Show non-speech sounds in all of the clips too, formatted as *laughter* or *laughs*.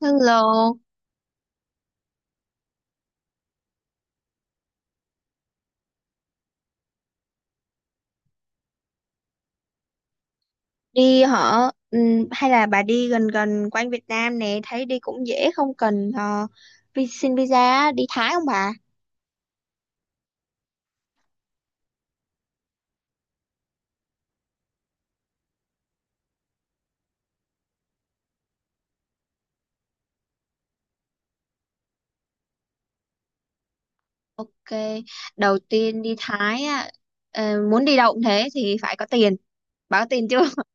Hello, đi hả? Hay là bà đi gần gần quanh Việt Nam nè, thấy đi cũng dễ không cần vi xin visa á, đi Thái không bà? Ok, đầu tiên đi Thái á, ờ, muốn đi đâu cũng thế thì phải có tiền. Bà có tiền chưa? *laughs*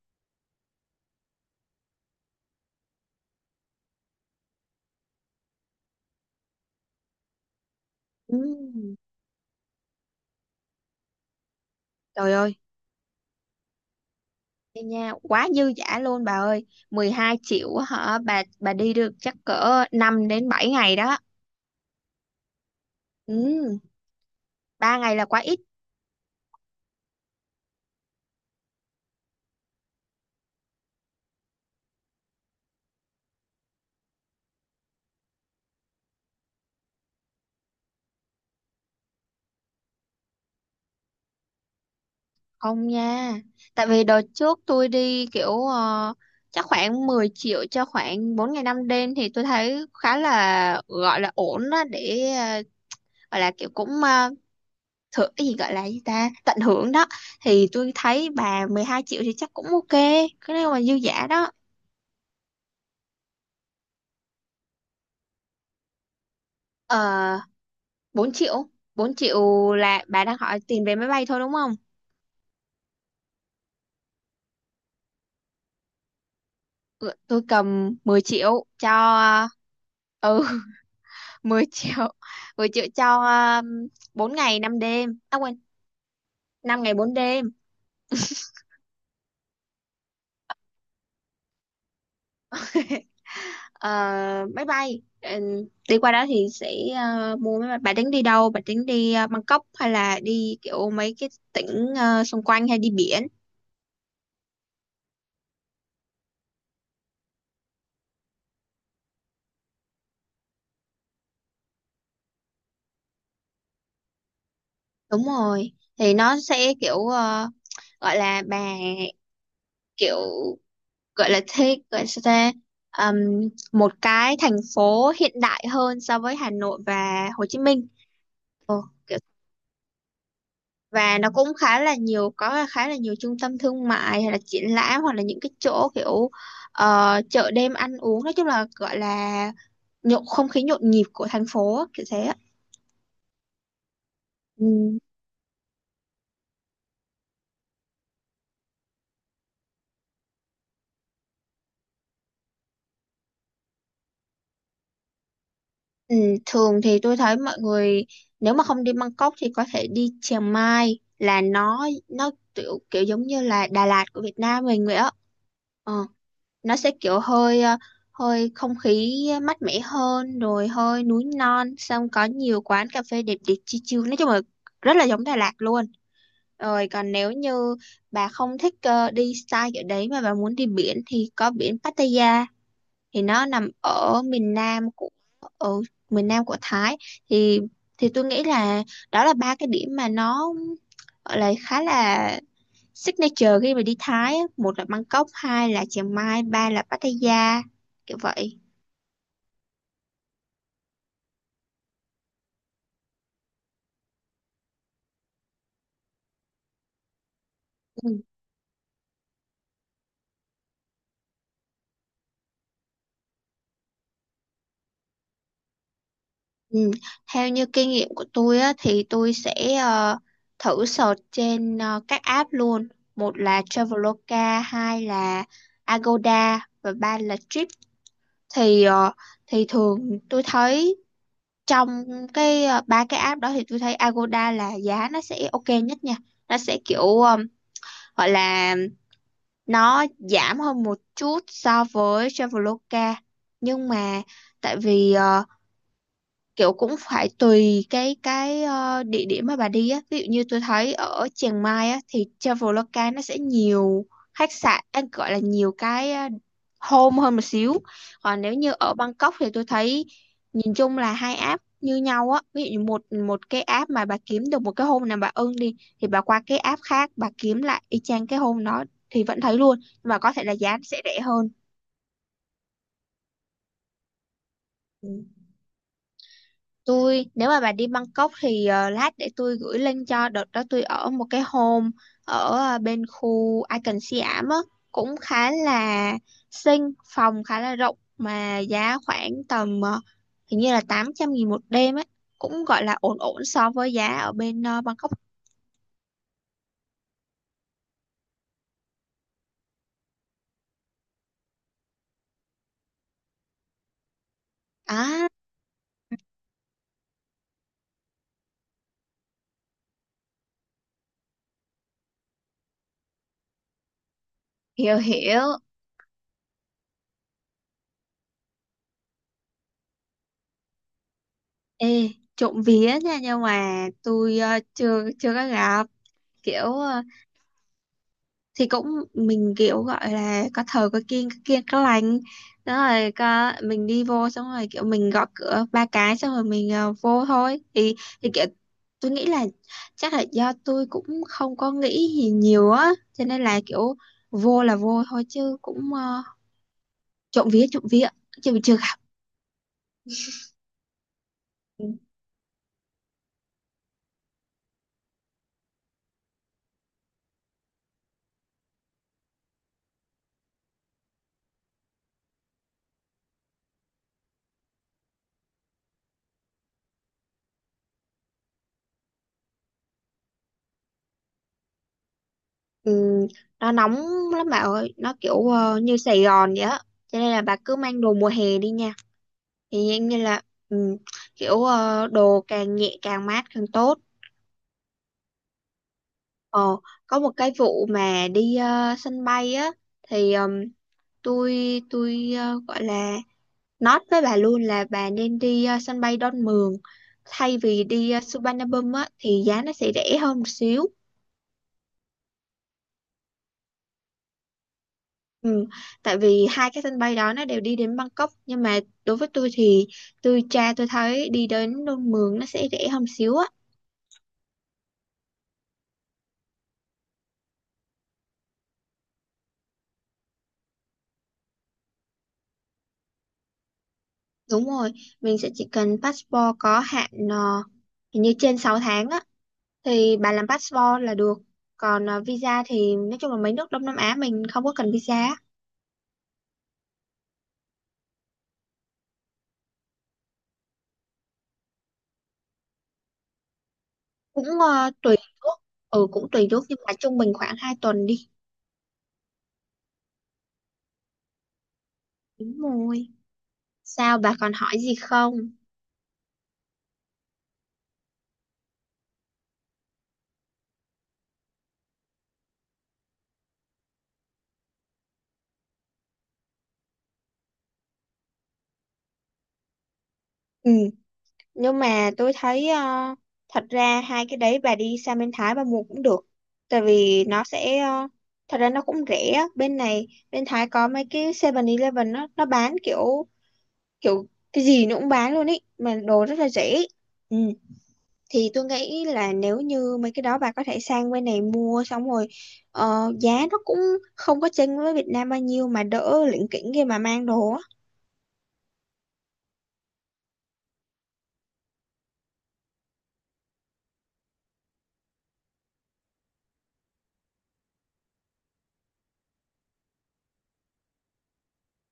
Ừm, trời ơi, đi nha, quá dư dả luôn bà ơi. 12 triệu hả? Bà đi được chắc cỡ 5 đến 7 ngày đó. Ừm, 3 ngày là quá ít. Không nha. Tại vì đợt trước tôi đi kiểu chắc khoảng 10 triệu cho khoảng 4 ngày 5 đêm thì tôi thấy khá là gọi là ổn đó để gọi là kiểu cũng thử cái gì gọi là gì ta tận hưởng đó, thì tôi thấy bà 12 triệu thì chắc cũng ok, cái này mà dư giả đó. uh, 4 triệu, 4 triệu là bà đang hỏi tiền vé máy bay thôi đúng không? Ừ, tôi cầm 10 triệu cho. Ừ 10 triệu, *laughs* 10 triệu cho um, 4 ngày 5 đêm, à quên, 5 ngày 4 đêm. *laughs* Ờ, máy bay. Ờ, đi qua đó thì sẽ mua máy bay. Bạn tính đi đâu, bạn tính đi Bangkok hay là đi kiểu mấy cái tỉnh xung quanh hay đi biển? Đúng rồi, thì nó sẽ kiểu gọi là bà kiểu gọi là thích gọi là sao ta. Ừm, một cái thành phố hiện đại hơn so với Hà Nội và Hồ Chí Minh. Ồ, và nó cũng khá là nhiều, có khá là nhiều trung tâm thương mại hay là triển lãm hoặc là những cái chỗ kiểu chợ đêm ăn uống, nói chung là gọi là nhộn, không khí nhộn nhịp của thành phố á, kiểu thế á. Ừ. Ừ, thường thì tôi thấy mọi người nếu mà không đi Bangkok thì có thể đi Chiang Mai, là nó kiểu kiểu giống như là Đà Lạt của Việt Nam mình vậy á. Ờ. Nó sẽ kiểu hơi hơi không khí mát mẻ hơn, rồi hơi núi non, xong có nhiều quán cà phê đẹp đẹp chill chill, nói chung là rất là giống Đà Lạt luôn. Rồi còn nếu như bà không thích đi style kiểu đấy mà bà muốn đi biển thì có biển Pattaya, thì nó nằm ở miền Nam của, ở miền Nam của Thái. thì thì tôi nghĩ là đó là ba cái điểm mà nó gọi là khá là signature khi mà đi Thái á, một là Bangkok, hai là Chiang Mai, ba là Pattaya, kiểu vậy. Ừ. Ừ. Theo như kinh nghiệm của tôi á, thì tôi sẽ ờ, thử search trên các app luôn. Một là Traveloka, hai là Agoda và ba là Trip. Thì thì thường tôi thấy trong cái ba cái app đó thì tôi thấy Agoda là giá nó sẽ ok nhất nha. Nó sẽ kiểu gọi là nó giảm hơn một chút so với Traveloka, nhưng mà tại vì kiểu cũng phải tùy cái địa điểm mà bà đi á, ví dụ như tôi thấy ở Chiang Mai á thì Traveloka nó sẽ nhiều khách sạn, anh gọi là nhiều cái home hơn một xíu. Còn nếu như ở Bangkok thì tôi thấy nhìn chung là hai app như nhau á, ví dụ như một một cái app mà bà kiếm được một cái home nào bà ưng đi thì bà qua cái app khác bà kiếm lại y chang cái home đó thì vẫn thấy luôn, nhưng mà có thể là giá nó sẽ rẻ hơn. Ừ. Tôi nếu mà bà đi Bangkok thì lát để tôi gửi link cho. Đợt đó tôi ở một cái home ở bên khu Icon Siam á, cũng khá là xinh, phòng khá là rộng mà giá khoảng tầm hình như là 800.000 một đêm ấy, cũng gọi là ổn ổn so với giá ở bên Bangkok. À, hiểu hiểu. Ê, trộm vía nha, nhưng mà tôi chưa chưa có gặp kiểu. Thì cũng mình kiểu gọi là có thờ có kiêng, có kiêng có lành đó, rồi có mình đi vô xong rồi kiểu mình gõ cửa ba cái xong rồi mình vô thôi. Thì kiểu tôi nghĩ là chắc là do tôi cũng không có nghĩ gì nhiều á, cho nên là kiểu vô là vô thôi chứ cũng trộm vía chứ mình chưa gặp. Ừ, nó nóng lắm bà ơi, nó kiểu như Sài Gòn vậy á, cho nên là bà cứ mang đồ mùa hè đi nha. Thì dạng như là ừ, kiểu đồ càng nhẹ càng mát càng tốt. Ờ, có một cái vụ mà đi sân bay á, thì tôi gọi là nói với bà luôn là bà nên đi sân bay Đon Mường thay vì đi Suvarnabhum á, thì giá nó sẽ rẻ hơn một xíu. Ừ, tại vì hai cái sân bay đó nó đều đi đến Bangkok, nhưng mà đối với tôi thì tôi tra tôi thấy đi đến Đon Mường nó sẽ rẻ hơn một xíu á. Đúng rồi, mình sẽ chỉ cần passport có hạn hình như trên 6 tháng á, thì bà làm passport là được. Còn visa thì nói chung là mấy nước Đông Nam Á mình không có cần visa á. Cũng tùy nước. Ừ, cũng tùy nước nhưng mà trung bình khoảng 2 tuần đi. Đúng rồi. Sao bà còn hỏi gì không? Ừ, nhưng mà tôi thấy thật ra hai cái đấy bà đi sang bên Thái bà mua cũng được, tại vì nó sẽ thật ra nó cũng rẻ á. Bên này bên Thái có mấy cái Seven eleven, nó bán kiểu kiểu cái gì nó cũng bán luôn ý, mà đồ rất là rẻ. Ừ, thì tôi nghĩ là nếu như mấy cái đó bà có thể sang bên này mua xong rồi giá nó cũng không có chênh với Việt Nam bao nhiêu mà đỡ lỉnh kỉnh khi mà mang đồ á.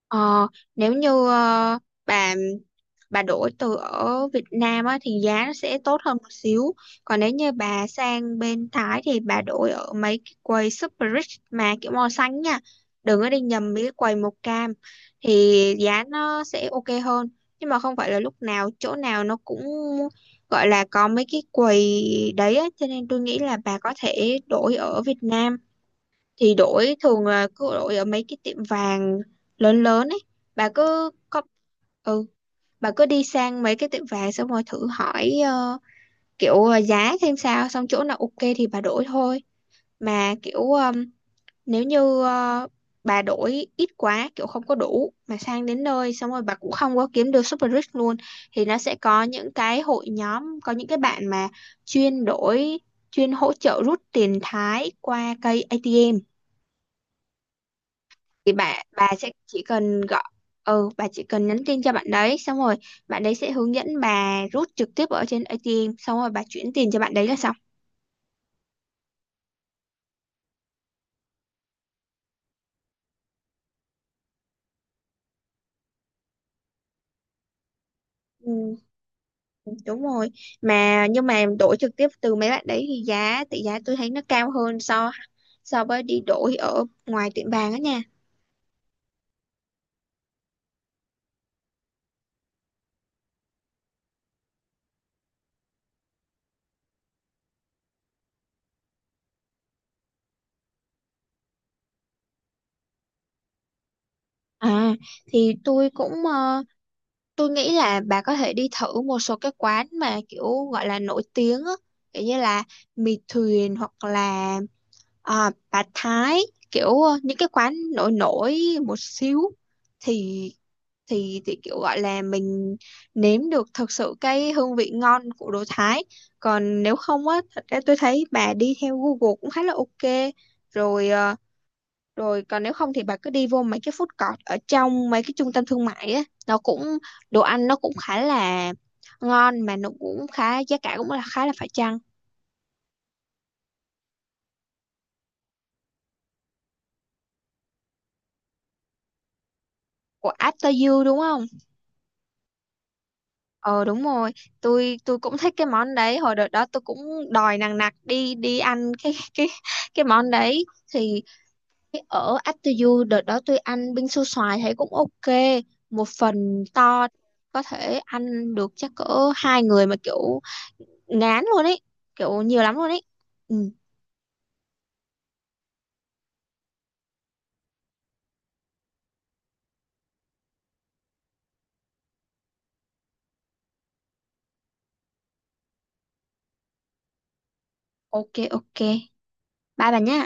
Ờ, nếu như bà bà đổi từ ở Việt Nam á, thì giá nó sẽ tốt hơn một xíu. Còn nếu như bà sang bên Thái thì bà đổi ở mấy cái quầy Super Rich mà kiểu màu xanh nha. Đừng có đi nhầm mấy cái quầy màu cam, thì giá nó sẽ ok hơn. Nhưng mà không phải là lúc nào chỗ nào nó cũng gọi là có mấy cái quầy đấy á, cho nên tôi nghĩ là bà có thể đổi ở Việt Nam. Thì đổi thường là cứ đổi ở mấy cái tiệm vàng lớn lớn ấy, bà cứ có ừ, bà cứ đi sang mấy cái tiệm vàng xong rồi thử hỏi kiểu giá xem sao, xong chỗ nào ok thì bà đổi thôi. Mà kiểu nếu như bà đổi ít quá, kiểu không có đủ mà sang đến nơi xong rồi bà cũng không có kiếm được Super Rich luôn, thì nó sẽ có những cái hội nhóm, có những cái bạn mà chuyên đổi, chuyên hỗ trợ rút tiền Thái qua cây ATM, thì bà sẽ chỉ cần gọi. Ừ, bà chỉ cần nhắn tin cho bạn đấy, xong rồi bạn đấy sẽ hướng dẫn bà rút trực tiếp ở trên ATM, xong rồi bà chuyển tiền cho bạn đấy là xong. Ừ, đúng rồi, mà nhưng mà đổi trực tiếp từ mấy bạn đấy thì tỷ giá tôi thấy nó cao hơn so, so với đi đổi ở ngoài tiệm vàng á nha. À, thì tôi cũng tôi nghĩ là bà có thể đi thử một số cái quán mà kiểu gọi là nổi tiếng á, kiểu như là mì thuyền, hoặc là à, bà Thái, kiểu những cái quán nổi nổi một xíu, thì thì kiểu gọi là mình nếm được thật sự cái hương vị ngon của đồ Thái. Còn nếu không á, thật ra tôi thấy bà đi theo Google cũng khá là ok rồi. Ờ, Rồi còn nếu không thì bà cứ đi vô mấy cái food court ở trong mấy cái trung tâm thương mại á, nó cũng đồ ăn nó cũng khá là ngon, mà nó cũng khá, giá cả cũng là khá là phải chăng. Của After You đúng không? Ờ đúng rồi, tôi cũng thích cái món đấy. Hồi đợt đó tôi cũng đòi nằng nặc đi đi ăn cái *laughs* cái món đấy. Thì cái ở After You đợt đó tôi ăn bingsu su xoài thấy cũng ok, một phần to, có thể ăn được chắc cỡ 2 người mà kiểu ngán luôn ấy, kiểu nhiều lắm luôn ấy. Ừ. Ok ok, bye bà nhá.